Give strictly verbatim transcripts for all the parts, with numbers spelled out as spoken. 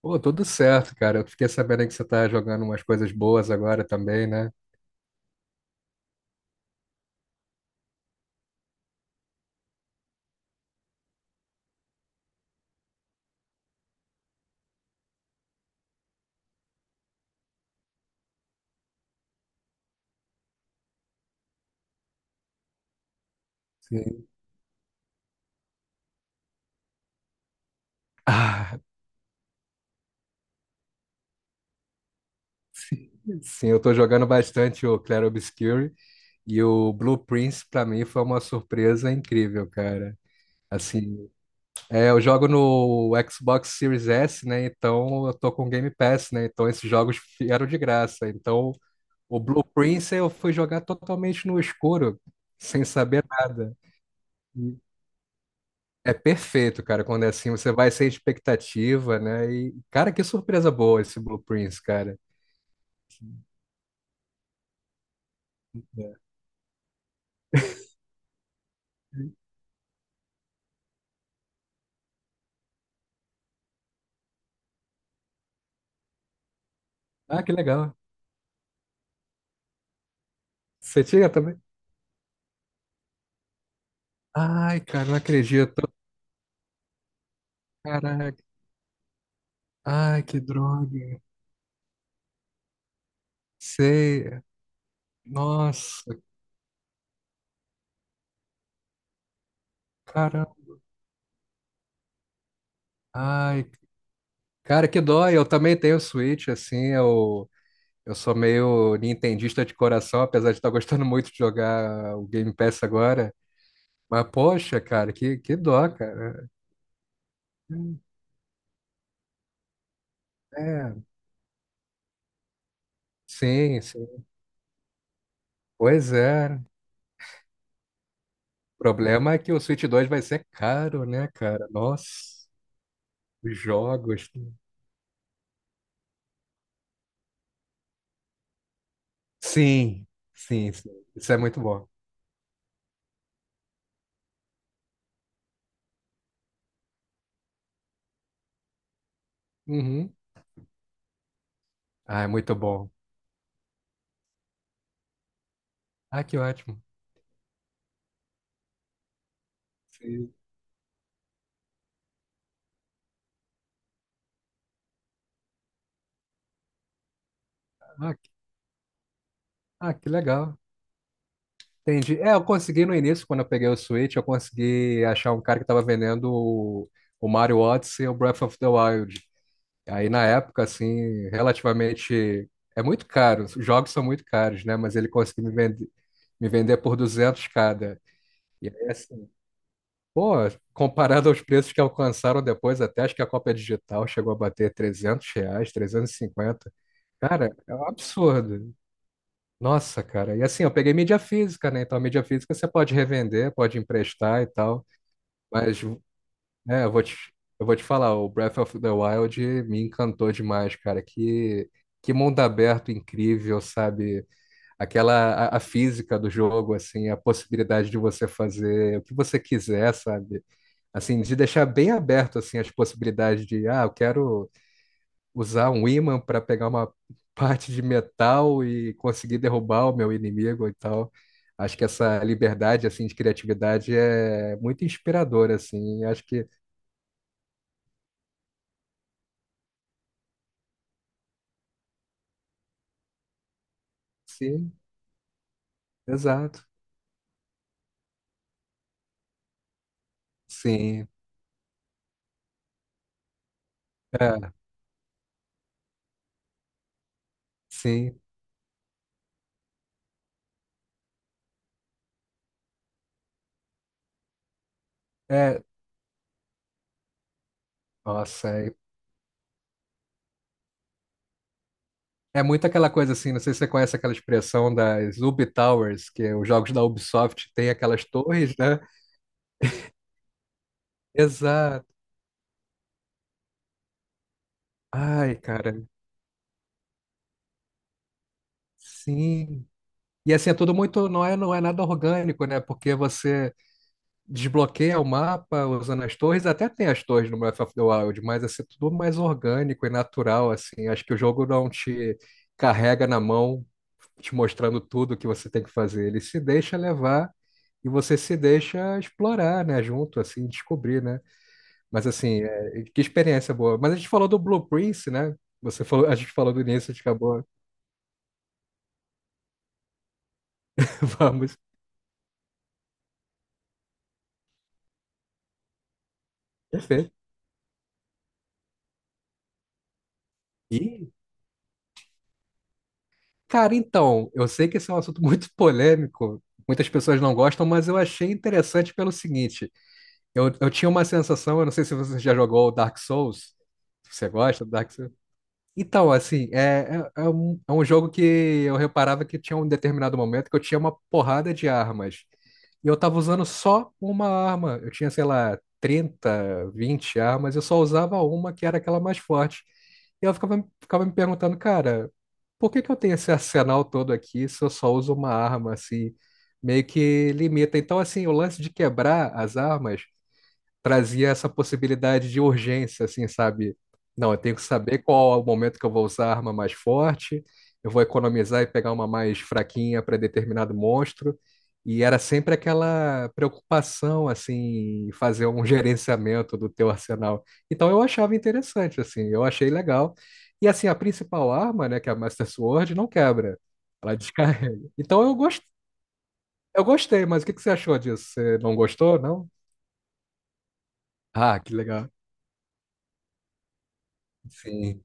Pô, tudo certo, cara. Eu fiquei sabendo que você tá jogando umas coisas boas agora também, né? Sim. Ah, sim, sim, eu tô jogando bastante o Clair Obscur e o Blue Prince pra mim foi uma surpresa incrível, cara. Assim, é, eu jogo no Xbox Series S, né? Então eu tô com Game Pass, né? Então esses jogos vieram de graça. Então o Blue Prince eu fui jogar totalmente no escuro, sem saber nada. É perfeito, cara, quando é assim, você vai sem expectativa, né? E, cara, que surpresa boa esse Blue Prince, cara. É. Ah, que legal. Você tinha também? Ai, cara, não acredito. Caraca. Ai, que droga. Sei. Nossa, cara. Ai, cara, que dó. Eu também tenho Switch, assim, eu, eu sou meio nintendista de coração, apesar de estar gostando muito de jogar o Game Pass agora. Mas, poxa, cara, que, que dó, cara. É, sim, sim. Pois é. O problema é que o Switch dois vai ser caro, né, cara? Nossa, os jogos. Sim, sim, sim. Isso é muito bom. Uhum. Ah, é muito bom. Ah, que ótimo. Sim. Ah, que ah, que legal. Entendi. É, eu consegui no início, quando eu peguei o Switch, eu consegui achar um cara que tava vendendo o, o Mario Odyssey e o Breath of the Wild. Aí na época, assim, relativamente. É muito caro, os jogos são muito caros, né? Mas ele conseguiu me vender, me vender por duzentos cada. E aí, assim, pô, comparado aos preços que alcançaram depois, até acho que a cópia digital chegou a bater trezentos reais, trezentos e cinquenta. Cara, é um absurdo. Nossa, cara. E assim, eu peguei mídia física, né? Então, a mídia física você pode revender, pode emprestar e tal. Mas, né? eu vou te, eu vou te falar, o Breath of the Wild me encantou demais, cara. Que, que mundo aberto incrível, sabe? aquela a, a física do jogo, assim, a possibilidade de você fazer o que você quiser, sabe? Assim, de deixar bem aberto assim as possibilidades de, ah, eu quero usar um ímã para pegar uma parte de metal e conseguir derrubar o meu inimigo e tal. Acho que essa liberdade assim de criatividade é muito inspiradora assim. Acho que sim, exato. Sim. É, sim. É, nossa, é, é muito aquela coisa assim, não sei se você conhece aquela expressão das Ubi Towers, que os jogos da Ubisoft têm aquelas torres, né? Exato. Ai, cara. Sim. E assim, é tudo muito, não é, não é nada orgânico, né? Porque você desbloqueia o mapa usando as torres, até tem as torres no Breath of the Wild, mas assim, é tudo mais orgânico e natural, assim. Acho que o jogo não te carrega na mão, te mostrando tudo que você tem que fazer. Ele se deixa levar e você se deixa explorar, né? Junto, assim, descobrir, né? Mas assim, é, que experiência boa. Mas a gente falou do Blue Prince, né? Você falou, a gente falou do início, a gente acabou. Vamos. Perfeito. E Cara, então, eu sei que esse é um assunto muito polêmico, muitas pessoas não gostam, mas eu achei interessante pelo seguinte: eu, eu tinha uma sensação, eu não sei se você já jogou Dark Souls, se você gosta, Dark, então, assim, é, é, é um, é um jogo que eu reparava que tinha um determinado momento que eu tinha uma porrada de armas. E eu tava usando só uma arma. Eu tinha, sei lá, trinta vinte armas, eu só usava uma que era aquela mais forte. E eu ficava, ficava me perguntando, cara, por que que eu tenho esse arsenal todo aqui se eu só uso uma arma, assim, meio que limita. Então, assim, o lance de quebrar as armas trazia essa possibilidade de urgência, assim, sabe? Não, eu tenho que saber qual é o momento que eu vou usar a arma mais forte, eu vou economizar e pegar uma mais fraquinha para determinado monstro. E era sempre aquela preocupação, assim, em fazer um gerenciamento do teu arsenal. Então eu achava interessante, assim, eu achei legal. E assim, a principal arma, né, que é a Master Sword, não quebra, ela descarrega. Então eu gos- eu gostei, mas o que que você achou disso? Você não gostou, não? Ah, que legal. Sim.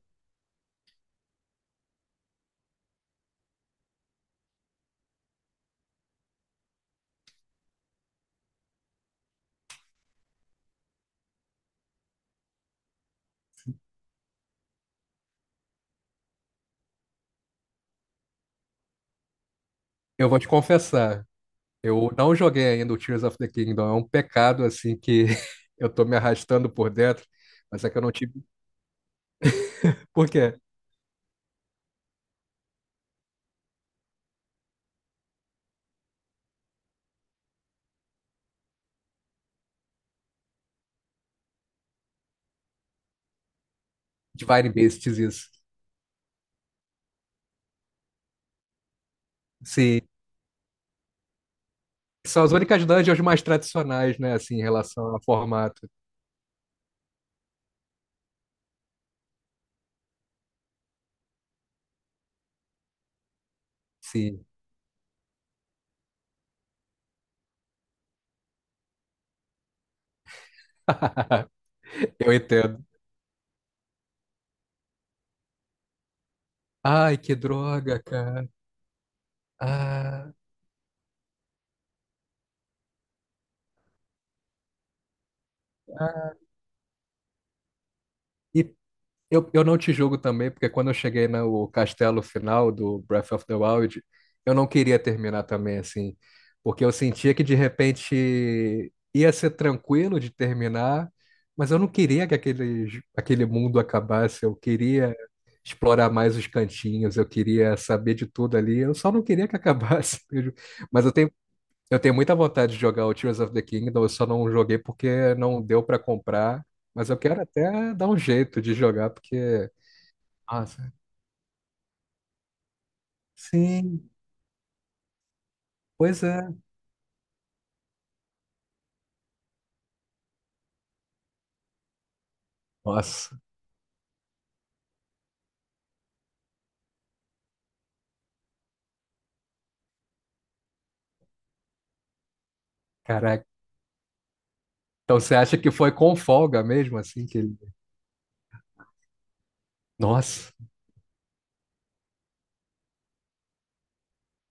Eu vou te confessar, eu não joguei ainda o Tears of the Kingdom. É um pecado, assim, que eu tô me arrastando por dentro, mas é que eu não tive. Por quê? Divine Beasts, isso. Sim. São as únicas dungeons mais tradicionais, né, assim, em relação ao formato. Sim. Eu entendo. Ai, que droga, cara. Ah. Ah. E Eu, eu não te julgo também, porque quando eu cheguei no castelo final do Breath of the Wild, eu não queria terminar também, assim, porque eu sentia que de repente ia ser tranquilo de terminar, mas eu não queria que aquele, aquele mundo acabasse, eu queria explorar mais os cantinhos, eu queria saber de tudo ali, eu só não queria que acabasse. Mas eu tenho eu tenho muita vontade de jogar o Tears of the Kingdom, eu só não joguei porque não deu pra comprar, mas eu quero até dar um jeito de jogar porque. Nossa. Sim, pois é. Nossa, caraca. Então você acha que foi com folga mesmo assim que ele. Nossa,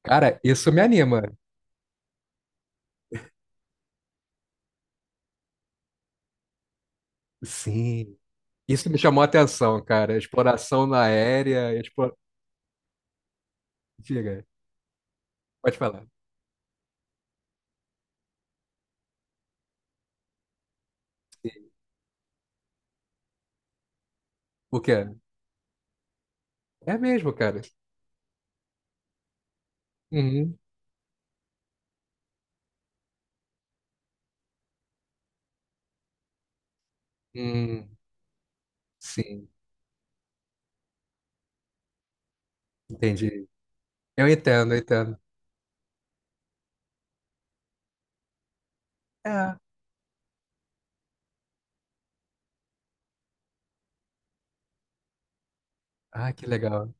cara, isso me anima. Sim. Isso me chamou a atenção, cara. Exploração na aérea, expo... Diga, pode falar. Sim. O quê? É mesmo, cara. Uhum. Hum, sim, entendi. Eu entendo, eu entendo. É. Ah, que legal.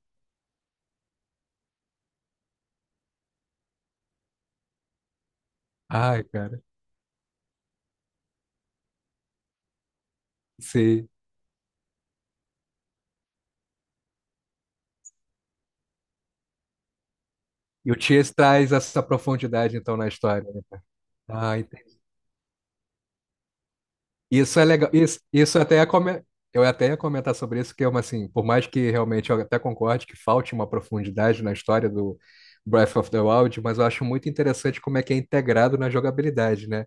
Ai, cara, sei. E o Cheers traz essa profundidade, então, na história, né? Ah, entendi. Isso é legal. Isso, isso até é come... Eu até ia comentar sobre isso, que é uma, assim, por mais que realmente eu até concorde que falte uma profundidade na história do Breath of the Wild, mas eu acho muito interessante como é que é integrado na jogabilidade, né?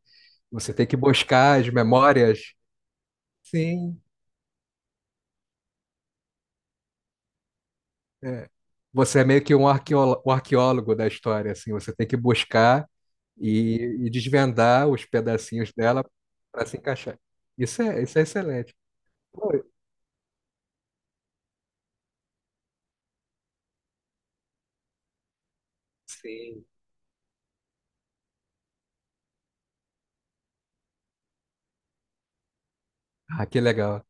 Você tem que buscar as memórias. Sim. É. Você é meio que um arqueólogo, um arqueólogo da história, assim. Você tem que buscar e, e desvendar os pedacinhos dela para se encaixar. Isso é, isso é excelente. Pô. Sim. Ah, que legal.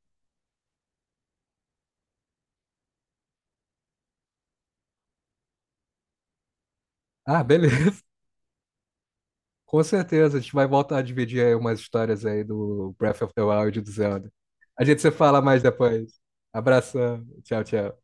Ah, beleza. Com certeza, a gente vai voltar a dividir aí umas histórias aí do Breath of the Wild e do Zelda. A gente se fala mais depois. Abração. Tchau, tchau.